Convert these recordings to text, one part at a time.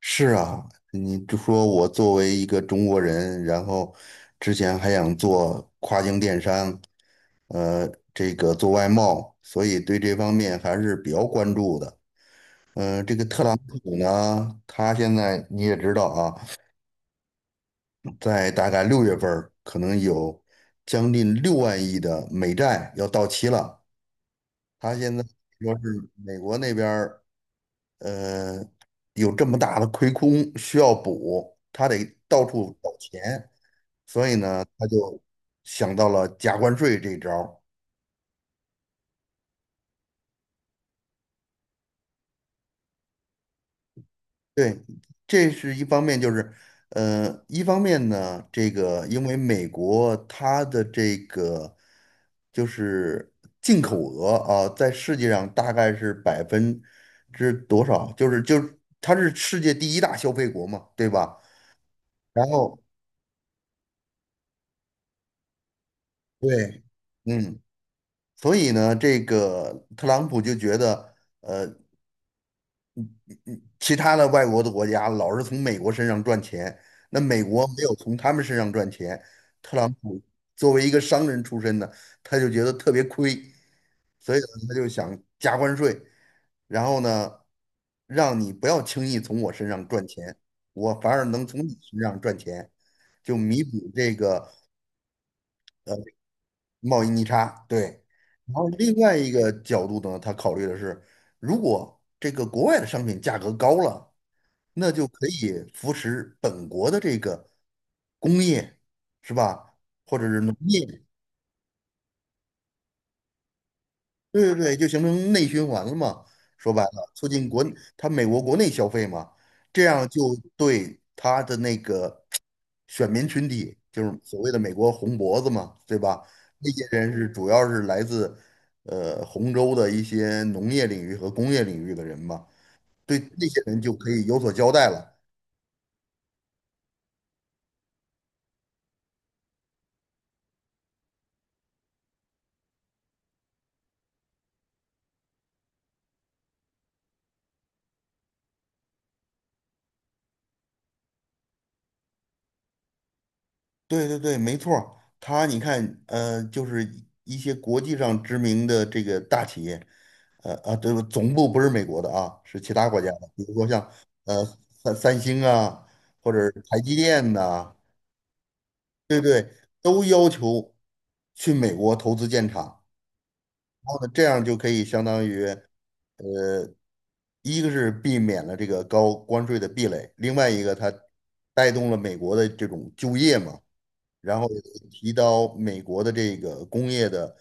是啊，你就说我作为一个中国人，然后之前还想做跨境电商，呃，这个做外贸，所以对这方面还是比较关注的。这个特朗普呢，他现在你也知道啊，在大概6月份儿可能有将近6万亿的美债要到期了。他现在说是美国那边儿呃有这么大的亏空需要补，他得到处找钱。所以呢，他就想到了加关税这一招儿。对，这是一方面，就是，一方面呢，这个因为美国它的这个就是进口额啊，在世界上大概是百分之多少？就是它是世界第一大消费国嘛，对吧？然后对，嗯，所以呢，这个特朗普就觉得。其他的外国的国家老是从美国身上赚钱，那美国没有从他们身上赚钱，特朗普作为一个商人出身的，他就觉得特别亏，所以呢他就想加关税，然后呢，让你不要轻易从我身上赚钱，我反而能从你身上赚钱，就弥补这个贸易逆差，对。然后另外一个角度呢，他考虑的是，如果这个国外的商品价格高了，那就可以扶持本国的这个工业，是吧？或者是农业，对对对，就形成内循环了嘛。说白了，促进国，他美国国内消费嘛，这样就对他的那个选民群体，就是所谓的美国红脖子嘛，对吧？那些人是主要是来自红州的一些农业领域和工业领域的人嘛，对那些人就可以有所交代了。对对对，没错儿，它你看，就是一些国际上知名的这个大企业，对，总部不是美国的啊，是其他国家的，比如说像呃三星啊，或者是台积电呐、都要求去美国投资建厂，然后呢，这样就可以相当于呃，一个是避免了这个高关税的壁垒，另外一个它带动了美国的这种就业嘛。然后提到美国的这个工业的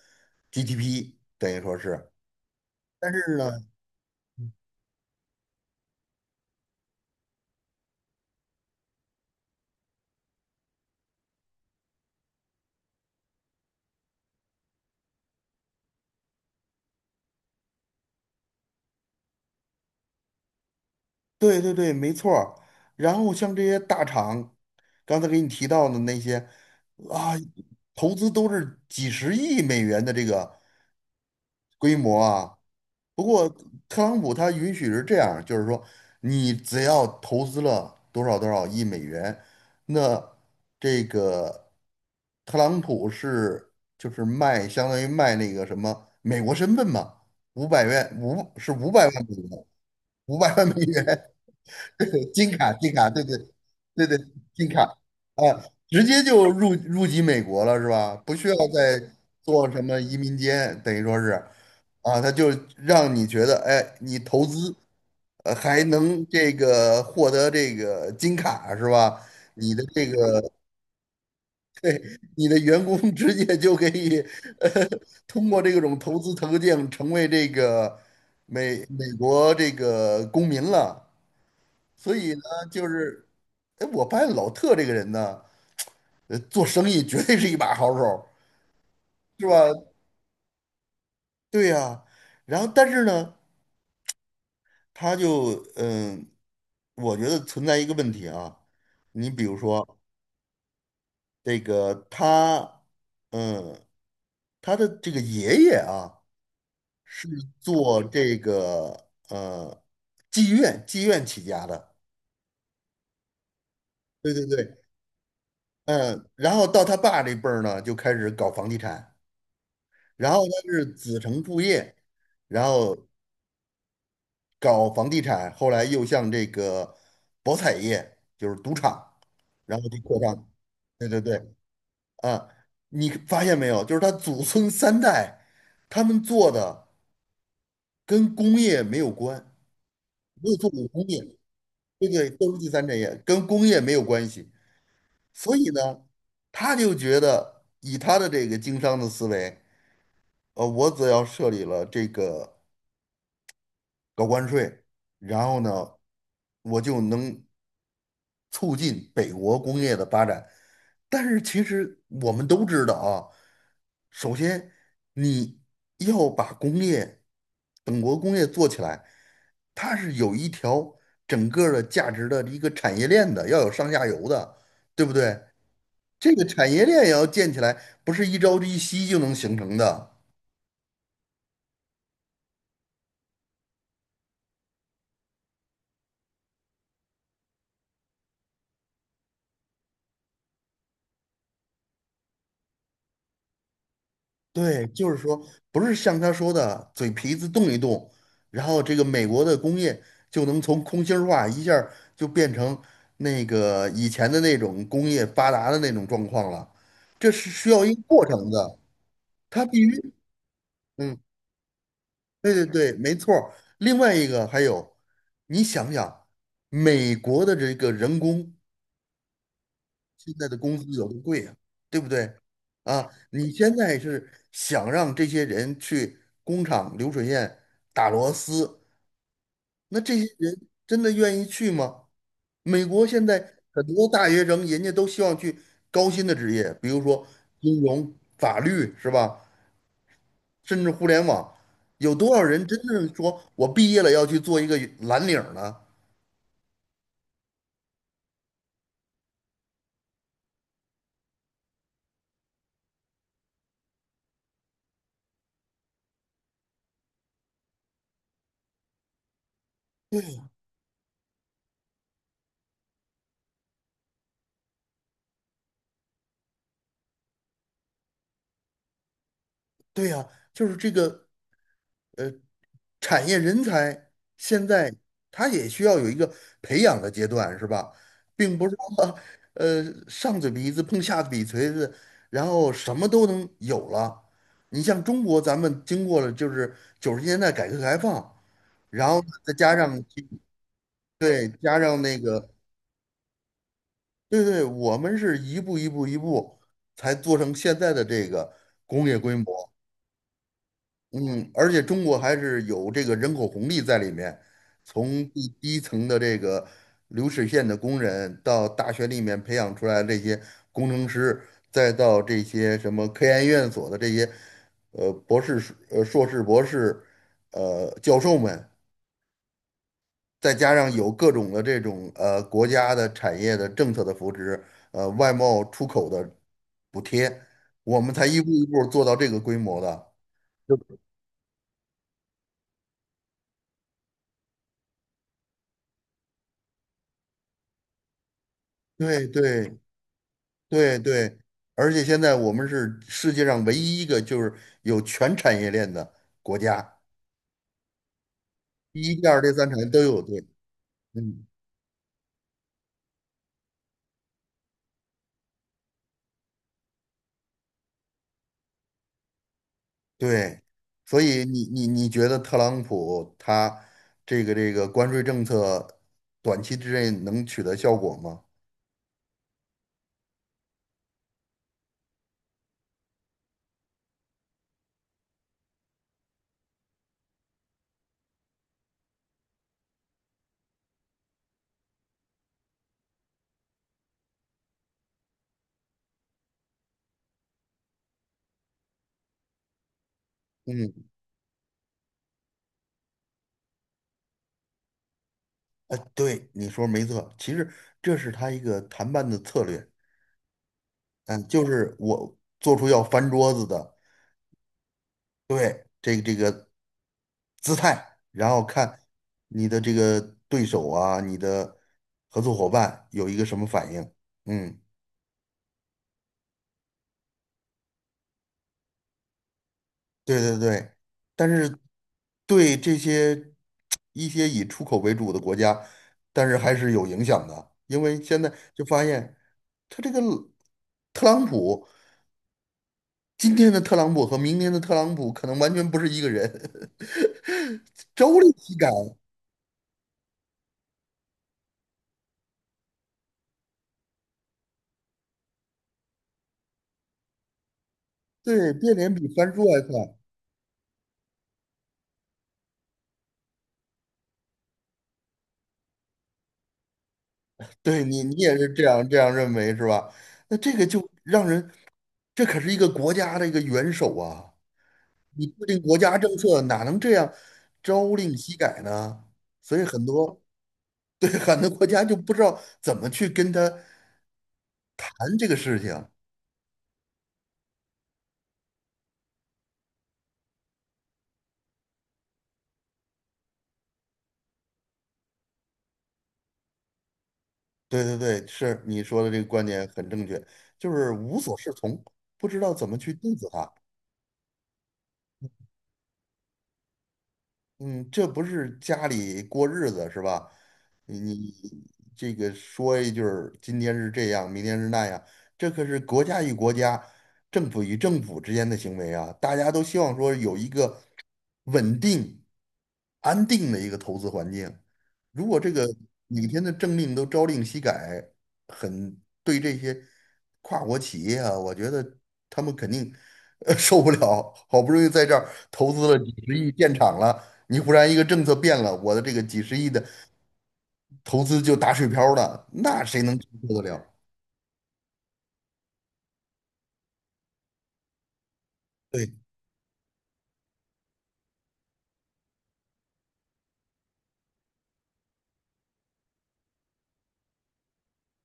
GDP，等于说是，但是呢，对对对，没错儿然后像这些大厂，刚才给你提到的那些啊，投资都是几十亿美元的这个。规模啊。不过特朗普他允许是这样，就是说你只要投资了多少多少亿美元，那这个特朗普是就是卖相当于卖那个什么美国身份嘛，500元五是五百万美元，五百万美元，金卡，金卡，对对对对，金卡，啊，直接就入籍美国了是吧？不需要再做什么移民监，等于说是，啊，他就让你觉得，哎，你投资，还能这个获得这个金卡是吧？你的这个你的员工 直接就可以，呃，通过这种投资途径成为这个美国这个公民了所以呢，就是，哎，我发现老特这个人呢，做生意绝对是一把好手是吧？对呀，然后但是呢，他就我觉得存在一个问题啊，你比如说这个他，嗯，他的这个爷爷啊，是做这个妓院起家的，对对对，嗯，然后到他爸这辈儿呢，就开始搞房地产。然后他是子承父业，然后搞房地产，后来又向这个博彩业，就是赌场，然后就扩张。对对对，啊，你发现没有？就是他祖孙三代，他们做的跟工业没有关，没有做过工业，这对？都是第三产业，跟工业没有关系。所以呢，他就觉得以他的这个经商的思维，我只要设立了这个。搞关税，然后呢，我就能促进北国工业的发展。但是其实我们都知道啊，首先你要把工业，本国工业做起来，它是有一条整个儿的价值的一个产业链的，要有上下游的，对不对？这个产业链也要建起来，不是一朝一夕就能形成的。对，就是说，不是像他说的嘴皮子动一动，然后这个美国的工业就能从空心儿化一下儿就变成那个以前的那种工业发达的那种状况了，这是需要一个过程的，它必须，嗯，对对对，没错儿。另外一个还有，你想想，美国的这个人工。现在的工资有多贵啊，对不对？啊，你现在是想让这些人去工厂流水线打螺丝，那这些人真的愿意去吗？美国现在很多大学生，人家都希望去高薪的职业，比如说金融、法律，是吧？甚至互联网，有多少人真正说我毕业了要去做一个蓝领儿呢？对呀，就是这个。呃。产业人才现在他也需要有一个培养的阶段，是吧？并不是说上嘴皮子碰下嘴锤子，然后什么都能有了。你像中国，咱们经过了就是90年代改革开放，然后呢再加上对加上那个对对，我们是一步一步一步才做成现在的这个工业规模。嗯，而且中国还是有这个人口红利在里面，从第低层的这个流水线的工人，到大学里面培养出来这些工程师，再到这些什么科研院所的这些博士、硕士、博士教授们，再加上有各种的这种国家的产业的政策的扶持，外贸出口的补贴，我们才一步一步做到这个规模的。对对。对对，而且现在我们是世界上唯一一个就是有全产业链的国家，第一、第二、第三产业都有。对，嗯，对，所以你觉得特朗普他这个关税政策短期之内能取得效果吗？嗯，对，你说没错，其实这是他一个谈判的策略，嗯，就是我做出要翻桌子的。对，这个姿态，然后看你的这个对手啊，你的合作伙伴有一个什么反应。嗯，对对对，但是对这些一些以出口为主的国家，但是还是有影响的，因为现在就发现他这个特朗普，今天的特朗普和明天的特朗普可能完全不是一个人，周立夕感对，变脸比翻书还快。对你，你也是这样认为是吧？那这个就让人，这可是一个国家的一个元首啊！你制定国家政策哪能这样朝令夕改呢？所以很多 对，很多国家就不知道怎么去跟他谈这个事情。对对对，是你说的这个观点很正确，就是无所适从，不知道怎么去对付他。嗯，这不是家里过日子是吧？你这个说一句儿，今天是这样，明天是那样，这可是国家与国家、政府与政府之间的行为啊！大家都希望说有一个稳定、安定的一个投资环境。如果这个每天的政令都朝令夕改，很对这些跨国企业啊，我觉得他们肯定 受不了。好不容易在这儿投资了几十亿建厂了。你忽然一个政策变了，我的这个几十亿的投资就打水漂了，那谁能承受得了？对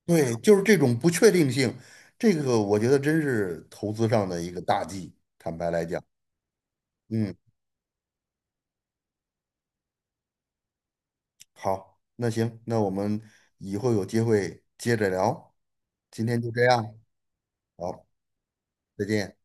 对，就是这种不确定性，这个我觉得真是投资上的一个大忌。坦白来讲，嗯，好，那行，那我们以后有机会接着聊，今天就这样，好，再见。